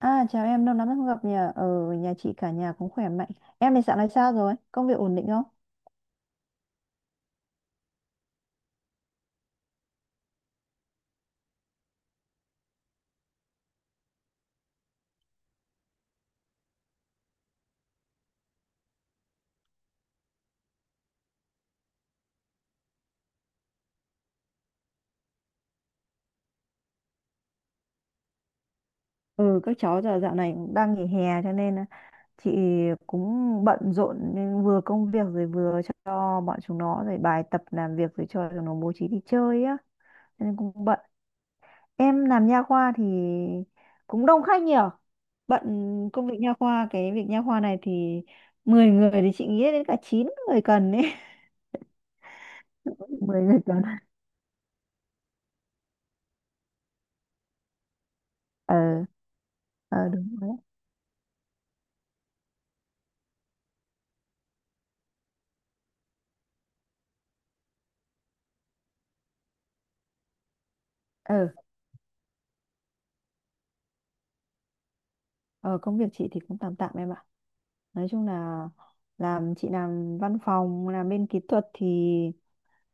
À, chào em, lâu lắm rồi không gặp nhỉ? Ở nhà chị cả nhà cũng khỏe mạnh. Em thì dạo này sao rồi? Công việc ổn định không? Ừ, các cháu giờ dạo này cũng đang nghỉ hè cho nên là chị cũng bận rộn nên vừa công việc rồi vừa cho bọn chúng nó rồi bài tập làm việc rồi cho chúng nó bố trí đi chơi á. Cho nên cũng bận. Em làm nha khoa thì cũng đông khách nhỉ? Bận công việc nha khoa, cái việc nha khoa này thì 10 người thì chị nghĩ đến cả 9 người cần ấy. 10 người cần. Ờ, ờ Đúng rồi. Ừ. Ờ, Công việc chị thì cũng tạm tạm em ạ. Nói chung là chị làm văn phòng, làm bên kỹ thuật thì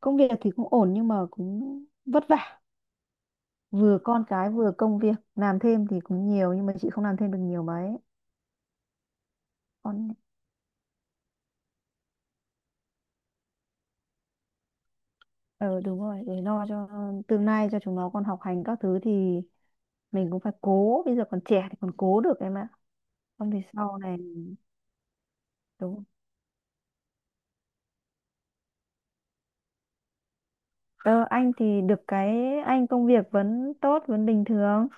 công việc thì cũng ổn nhưng mà cũng vất vả. Vừa con cái vừa công việc, làm thêm thì cũng nhiều nhưng mà chị không làm thêm được nhiều mấy. Con ờ Đúng rồi, để lo cho tương lai cho chúng nó còn học hành các thứ thì mình cũng phải cố, bây giờ còn trẻ thì còn cố được em ạ. Không thì sau này đúng. Ờ, anh thì được cái anh công việc vẫn tốt, vẫn bình thường.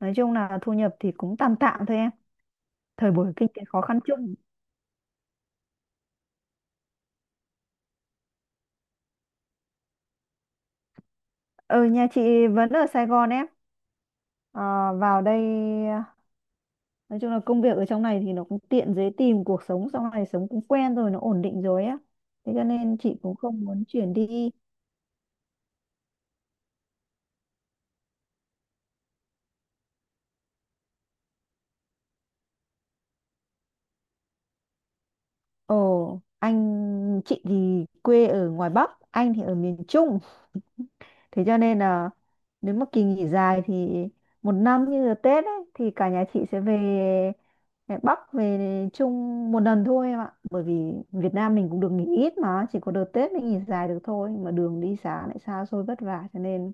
Nói chung là thu nhập thì cũng tạm tạm thôi em. Thời buổi kinh tế khó khăn chung. Ừ, nhà chị vẫn ở Sài Gòn em. Ờ, Vào đây nói chung là công việc ở trong này thì nó cũng tiện, dễ tìm, cuộc sống sau này sống cũng quen rồi, nó ổn định rồi á, thế cho nên chị cũng không muốn chuyển đi. Anh chị thì quê ở ngoài Bắc, anh thì ở miền Trung. Thế cho nên là nếu mà kỳ nghỉ dài thì một năm như là Tết ấy, thì cả nhà chị sẽ về Bắc về Trung một lần thôi em ạ. Bởi vì Việt Nam mình cũng được nghỉ ít mà chỉ có đợt Tết mới nghỉ dài được thôi. Mà đường đi xa lại xa xôi vất vả cho nên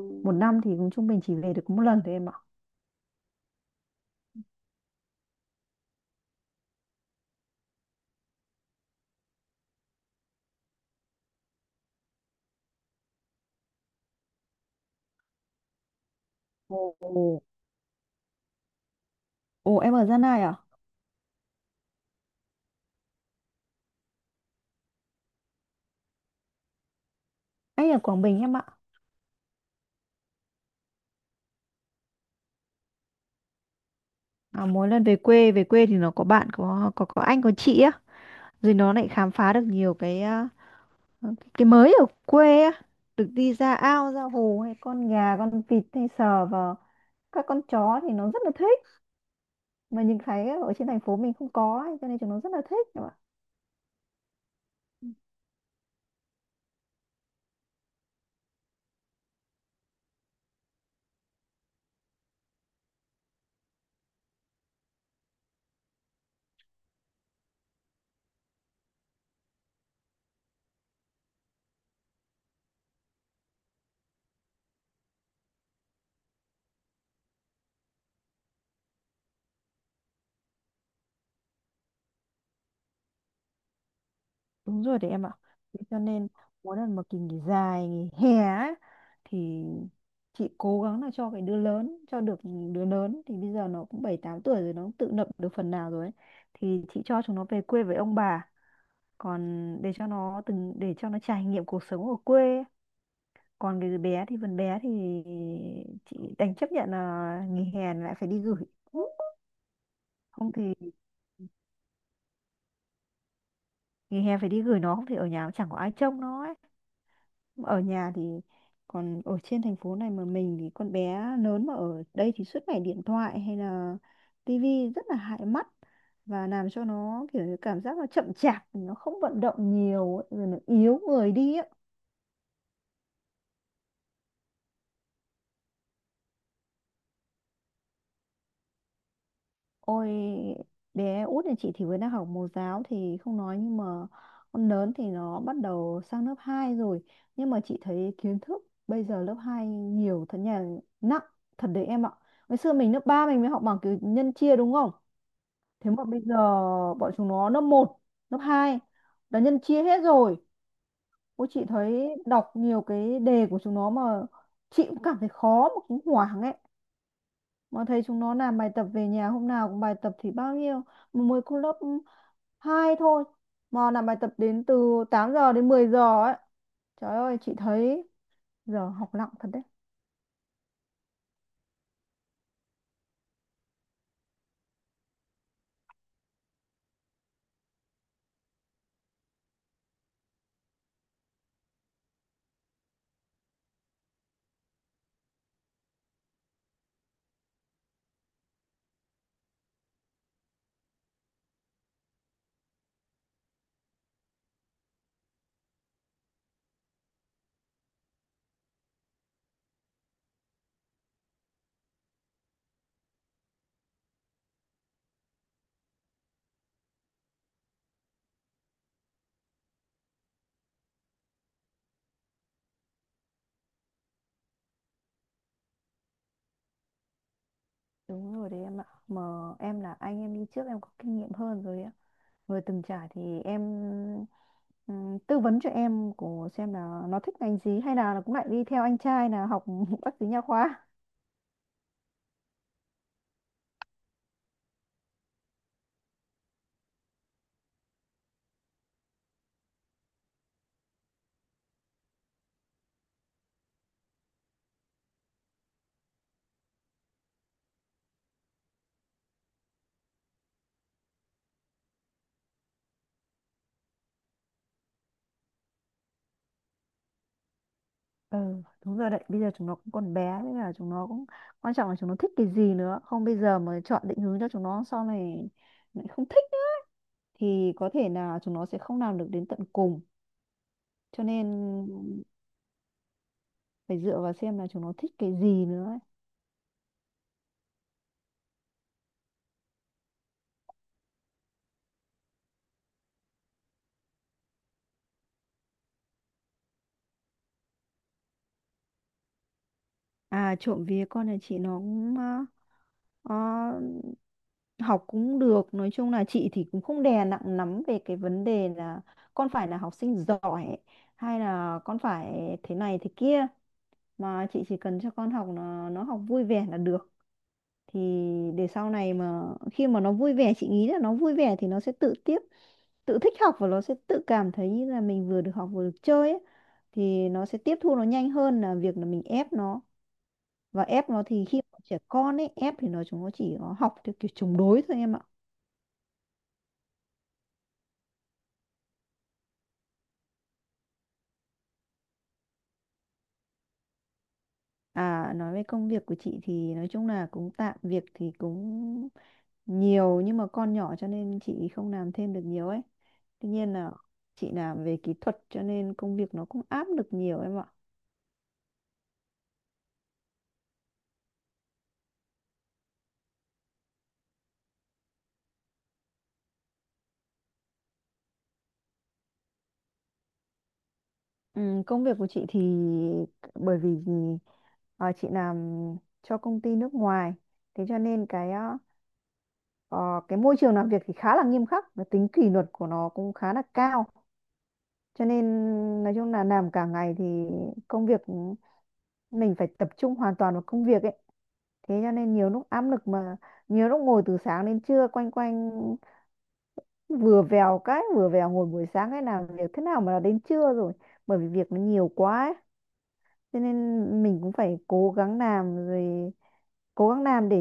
một năm thì cũng trung bình chỉ về được có một lần thôi em ạ. Ồ, ồ, ồ, em ở Gia Lai à? Anh ở Quảng Bình em ạ. À, mỗi lần về quê thì nó có bạn, có anh có chị á, rồi nó lại khám phá được nhiều cái mới ở quê á, được đi ra ao, ra hồ hay con gà, con vịt hay sờ vào các con chó thì nó rất là thích. Mà nhìn thấy ở trên thành phố mình không có ấy, cho nên chúng nó rất là thích em ạ. Đúng rồi đấy em ạ. Thế cho nên mỗi lần mà kỳ nghỉ dài, nghỉ hè á, thì chị cố gắng là cho cái đứa lớn, cho được đứa lớn thì bây giờ nó cũng 7 8 tuổi rồi, nó cũng tự lập được phần nào rồi ấy. Thì chị cho chúng nó về quê với ông bà. Còn để cho nó trải nghiệm cuộc sống ở quê, còn cái bé thì phần bé thì chị đành chấp nhận là nghỉ hè lại phải đi gửi, không thì nghỉ hè phải đi gửi nó, không thì ở nhà chẳng có ai trông nó ấy. Ở nhà thì Còn ở trên thành phố này mà mình thì con bé lớn mà ở đây thì suốt ngày điện thoại hay là tivi rất là hại mắt, và làm cho nó kiểu như cảm giác là chậm chạp, nó không vận động nhiều ấy, rồi nó yếu người đi ấy. Ôi, bé út nhà chị thì mới đang học mẫu giáo thì không nói, nhưng mà con lớn thì nó bắt đầu sang lớp 2 rồi, nhưng mà chị thấy kiến thức bây giờ lớp 2 nhiều thật, nhà nặng thật đấy em ạ. Ngày xưa mình lớp 3 mình mới học bằng kiểu nhân chia, đúng không? Thế mà bây giờ bọn chúng nó lớp 1, lớp 2 là nhân chia hết rồi. Ôi, chị thấy đọc nhiều cái đề của chúng nó mà chị cũng cảm thấy khó mà cũng hoảng ấy, mà thấy chúng nó làm bài tập về nhà, hôm nào cũng bài tập thì bao nhiêu, mà mới cô lớp 2 thôi mà làm bài tập đến từ 8 giờ đến 10 giờ ấy. Trời ơi, chị thấy giờ học nặng thật đấy. Đúng rồi đấy em ạ. Mà em là anh em đi trước em có kinh nghiệm hơn rồi ạ. Người từng trải thì em tư vấn cho em của xem là nó thích ngành gì, hay là nó cũng lại đi theo anh trai là học bác sĩ nha khoa. Ừ, đúng rồi đấy. Bây giờ chúng nó cũng còn bé nên là chúng nó cũng quan trọng là chúng nó thích cái gì nữa. Không, bây giờ mà chọn định hướng cho chúng nó sau này lại không thích ấy, thì có thể là chúng nó sẽ không làm được đến tận cùng. Cho nên phải dựa vào xem là chúng nó thích cái gì nữa ấy. À, trộm vía con nhà chị nó cũng ờ, học cũng được. Nói chung là chị thì cũng không đè nặng lắm về cái vấn đề là con phải là học sinh giỏi, hay là con phải thế này thế kia, mà chị chỉ cần cho con học, nó học vui vẻ là được, thì để sau này mà khi mà nó vui vẻ, chị nghĩ là nó vui vẻ thì nó sẽ tự thích học và nó sẽ tự cảm thấy như là mình vừa được học vừa được chơi ấy, thì nó sẽ tiếp thu nó nhanh hơn là việc là mình ép nó, và ép nó thì khi mà trẻ con ấy, ép thì chúng nó chỉ có học theo kiểu chống đối thôi em ạ. À, nói về công việc của chị thì nói chung là cũng tạm, việc thì cũng nhiều nhưng mà con nhỏ cho nên chị không làm thêm được nhiều ấy. Tuy nhiên là chị làm về kỹ thuật cho nên công việc nó cũng áp lực nhiều em ạ. Ừ, công việc của chị thì bởi vì chị làm cho công ty nước ngoài, thế cho nên cái ờ, cái môi trường làm việc thì khá là nghiêm khắc và tính kỷ luật của nó cũng khá là cao, cho nên nói chung là làm cả ngày thì công việc mình phải tập trung hoàn toàn vào công việc ấy, thế cho nên nhiều lúc áp lực mà. Nhiều lúc ngồi từ sáng đến trưa quanh quanh, vừa vèo cái vừa vèo, ngồi buổi sáng cái làm việc thế nào mà là đến trưa rồi, bởi vì việc nó nhiều quá ấy. Cho nên mình cũng phải cố gắng làm rồi, cố gắng làm để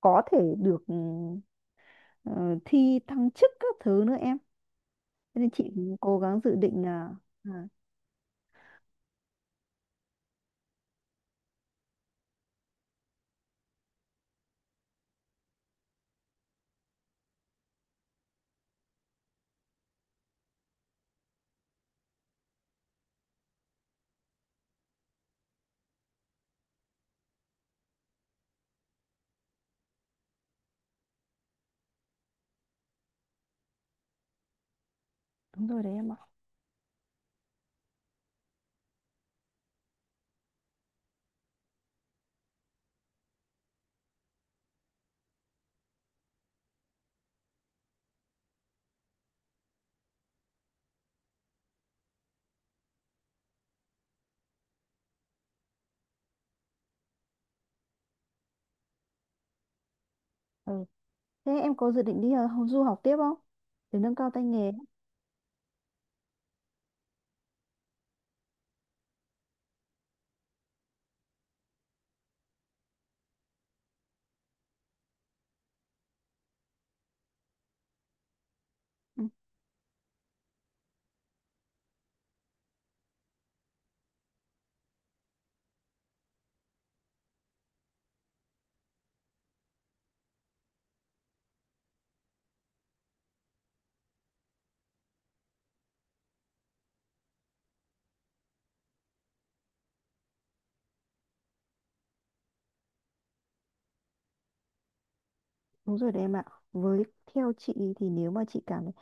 có thể được ờ, thi thăng chức các thứ nữa em, cho nên chị cũng cố gắng dự định là à, đúng rồi đấy em ạ. Ừ, thế em có dự định đi du học tiếp không, để nâng cao tay nghề? Ừ. Đúng rồi đấy em ạ. Với theo chị thì nếu mà chị cảm thấy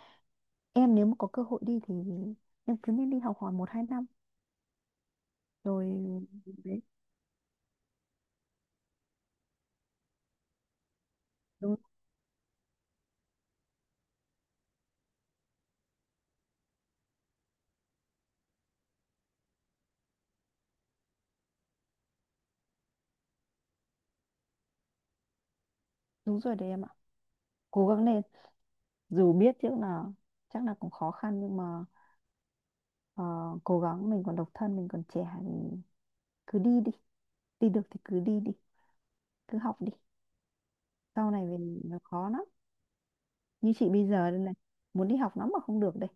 em, nếu mà có cơ hội đi thì em cứ nên đi học hỏi 1 2 năm rồi đấy. Đúng, đúng rồi đấy em ạ. Cố gắng lên, dù biết trước là chắc là cũng khó khăn, nhưng mà ờ, cố gắng, mình còn độc thân mình còn trẻ thì cứ đi đi, đi được thì cứ đi đi, cứ học đi, sau này về nó khó lắm, như chị bây giờ đây này, muốn đi học lắm mà không được đây.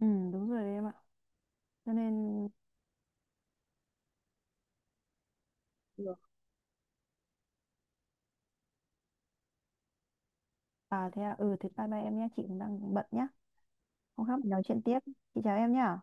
Ừ, đúng rồi đấy em ạ. Cho nên được. À, thế à, ừ, thế bye bye em nhé, chị cũng đang bận nhá. Hôm khác mình nói chuyện tiếp. Chị chào em nhá.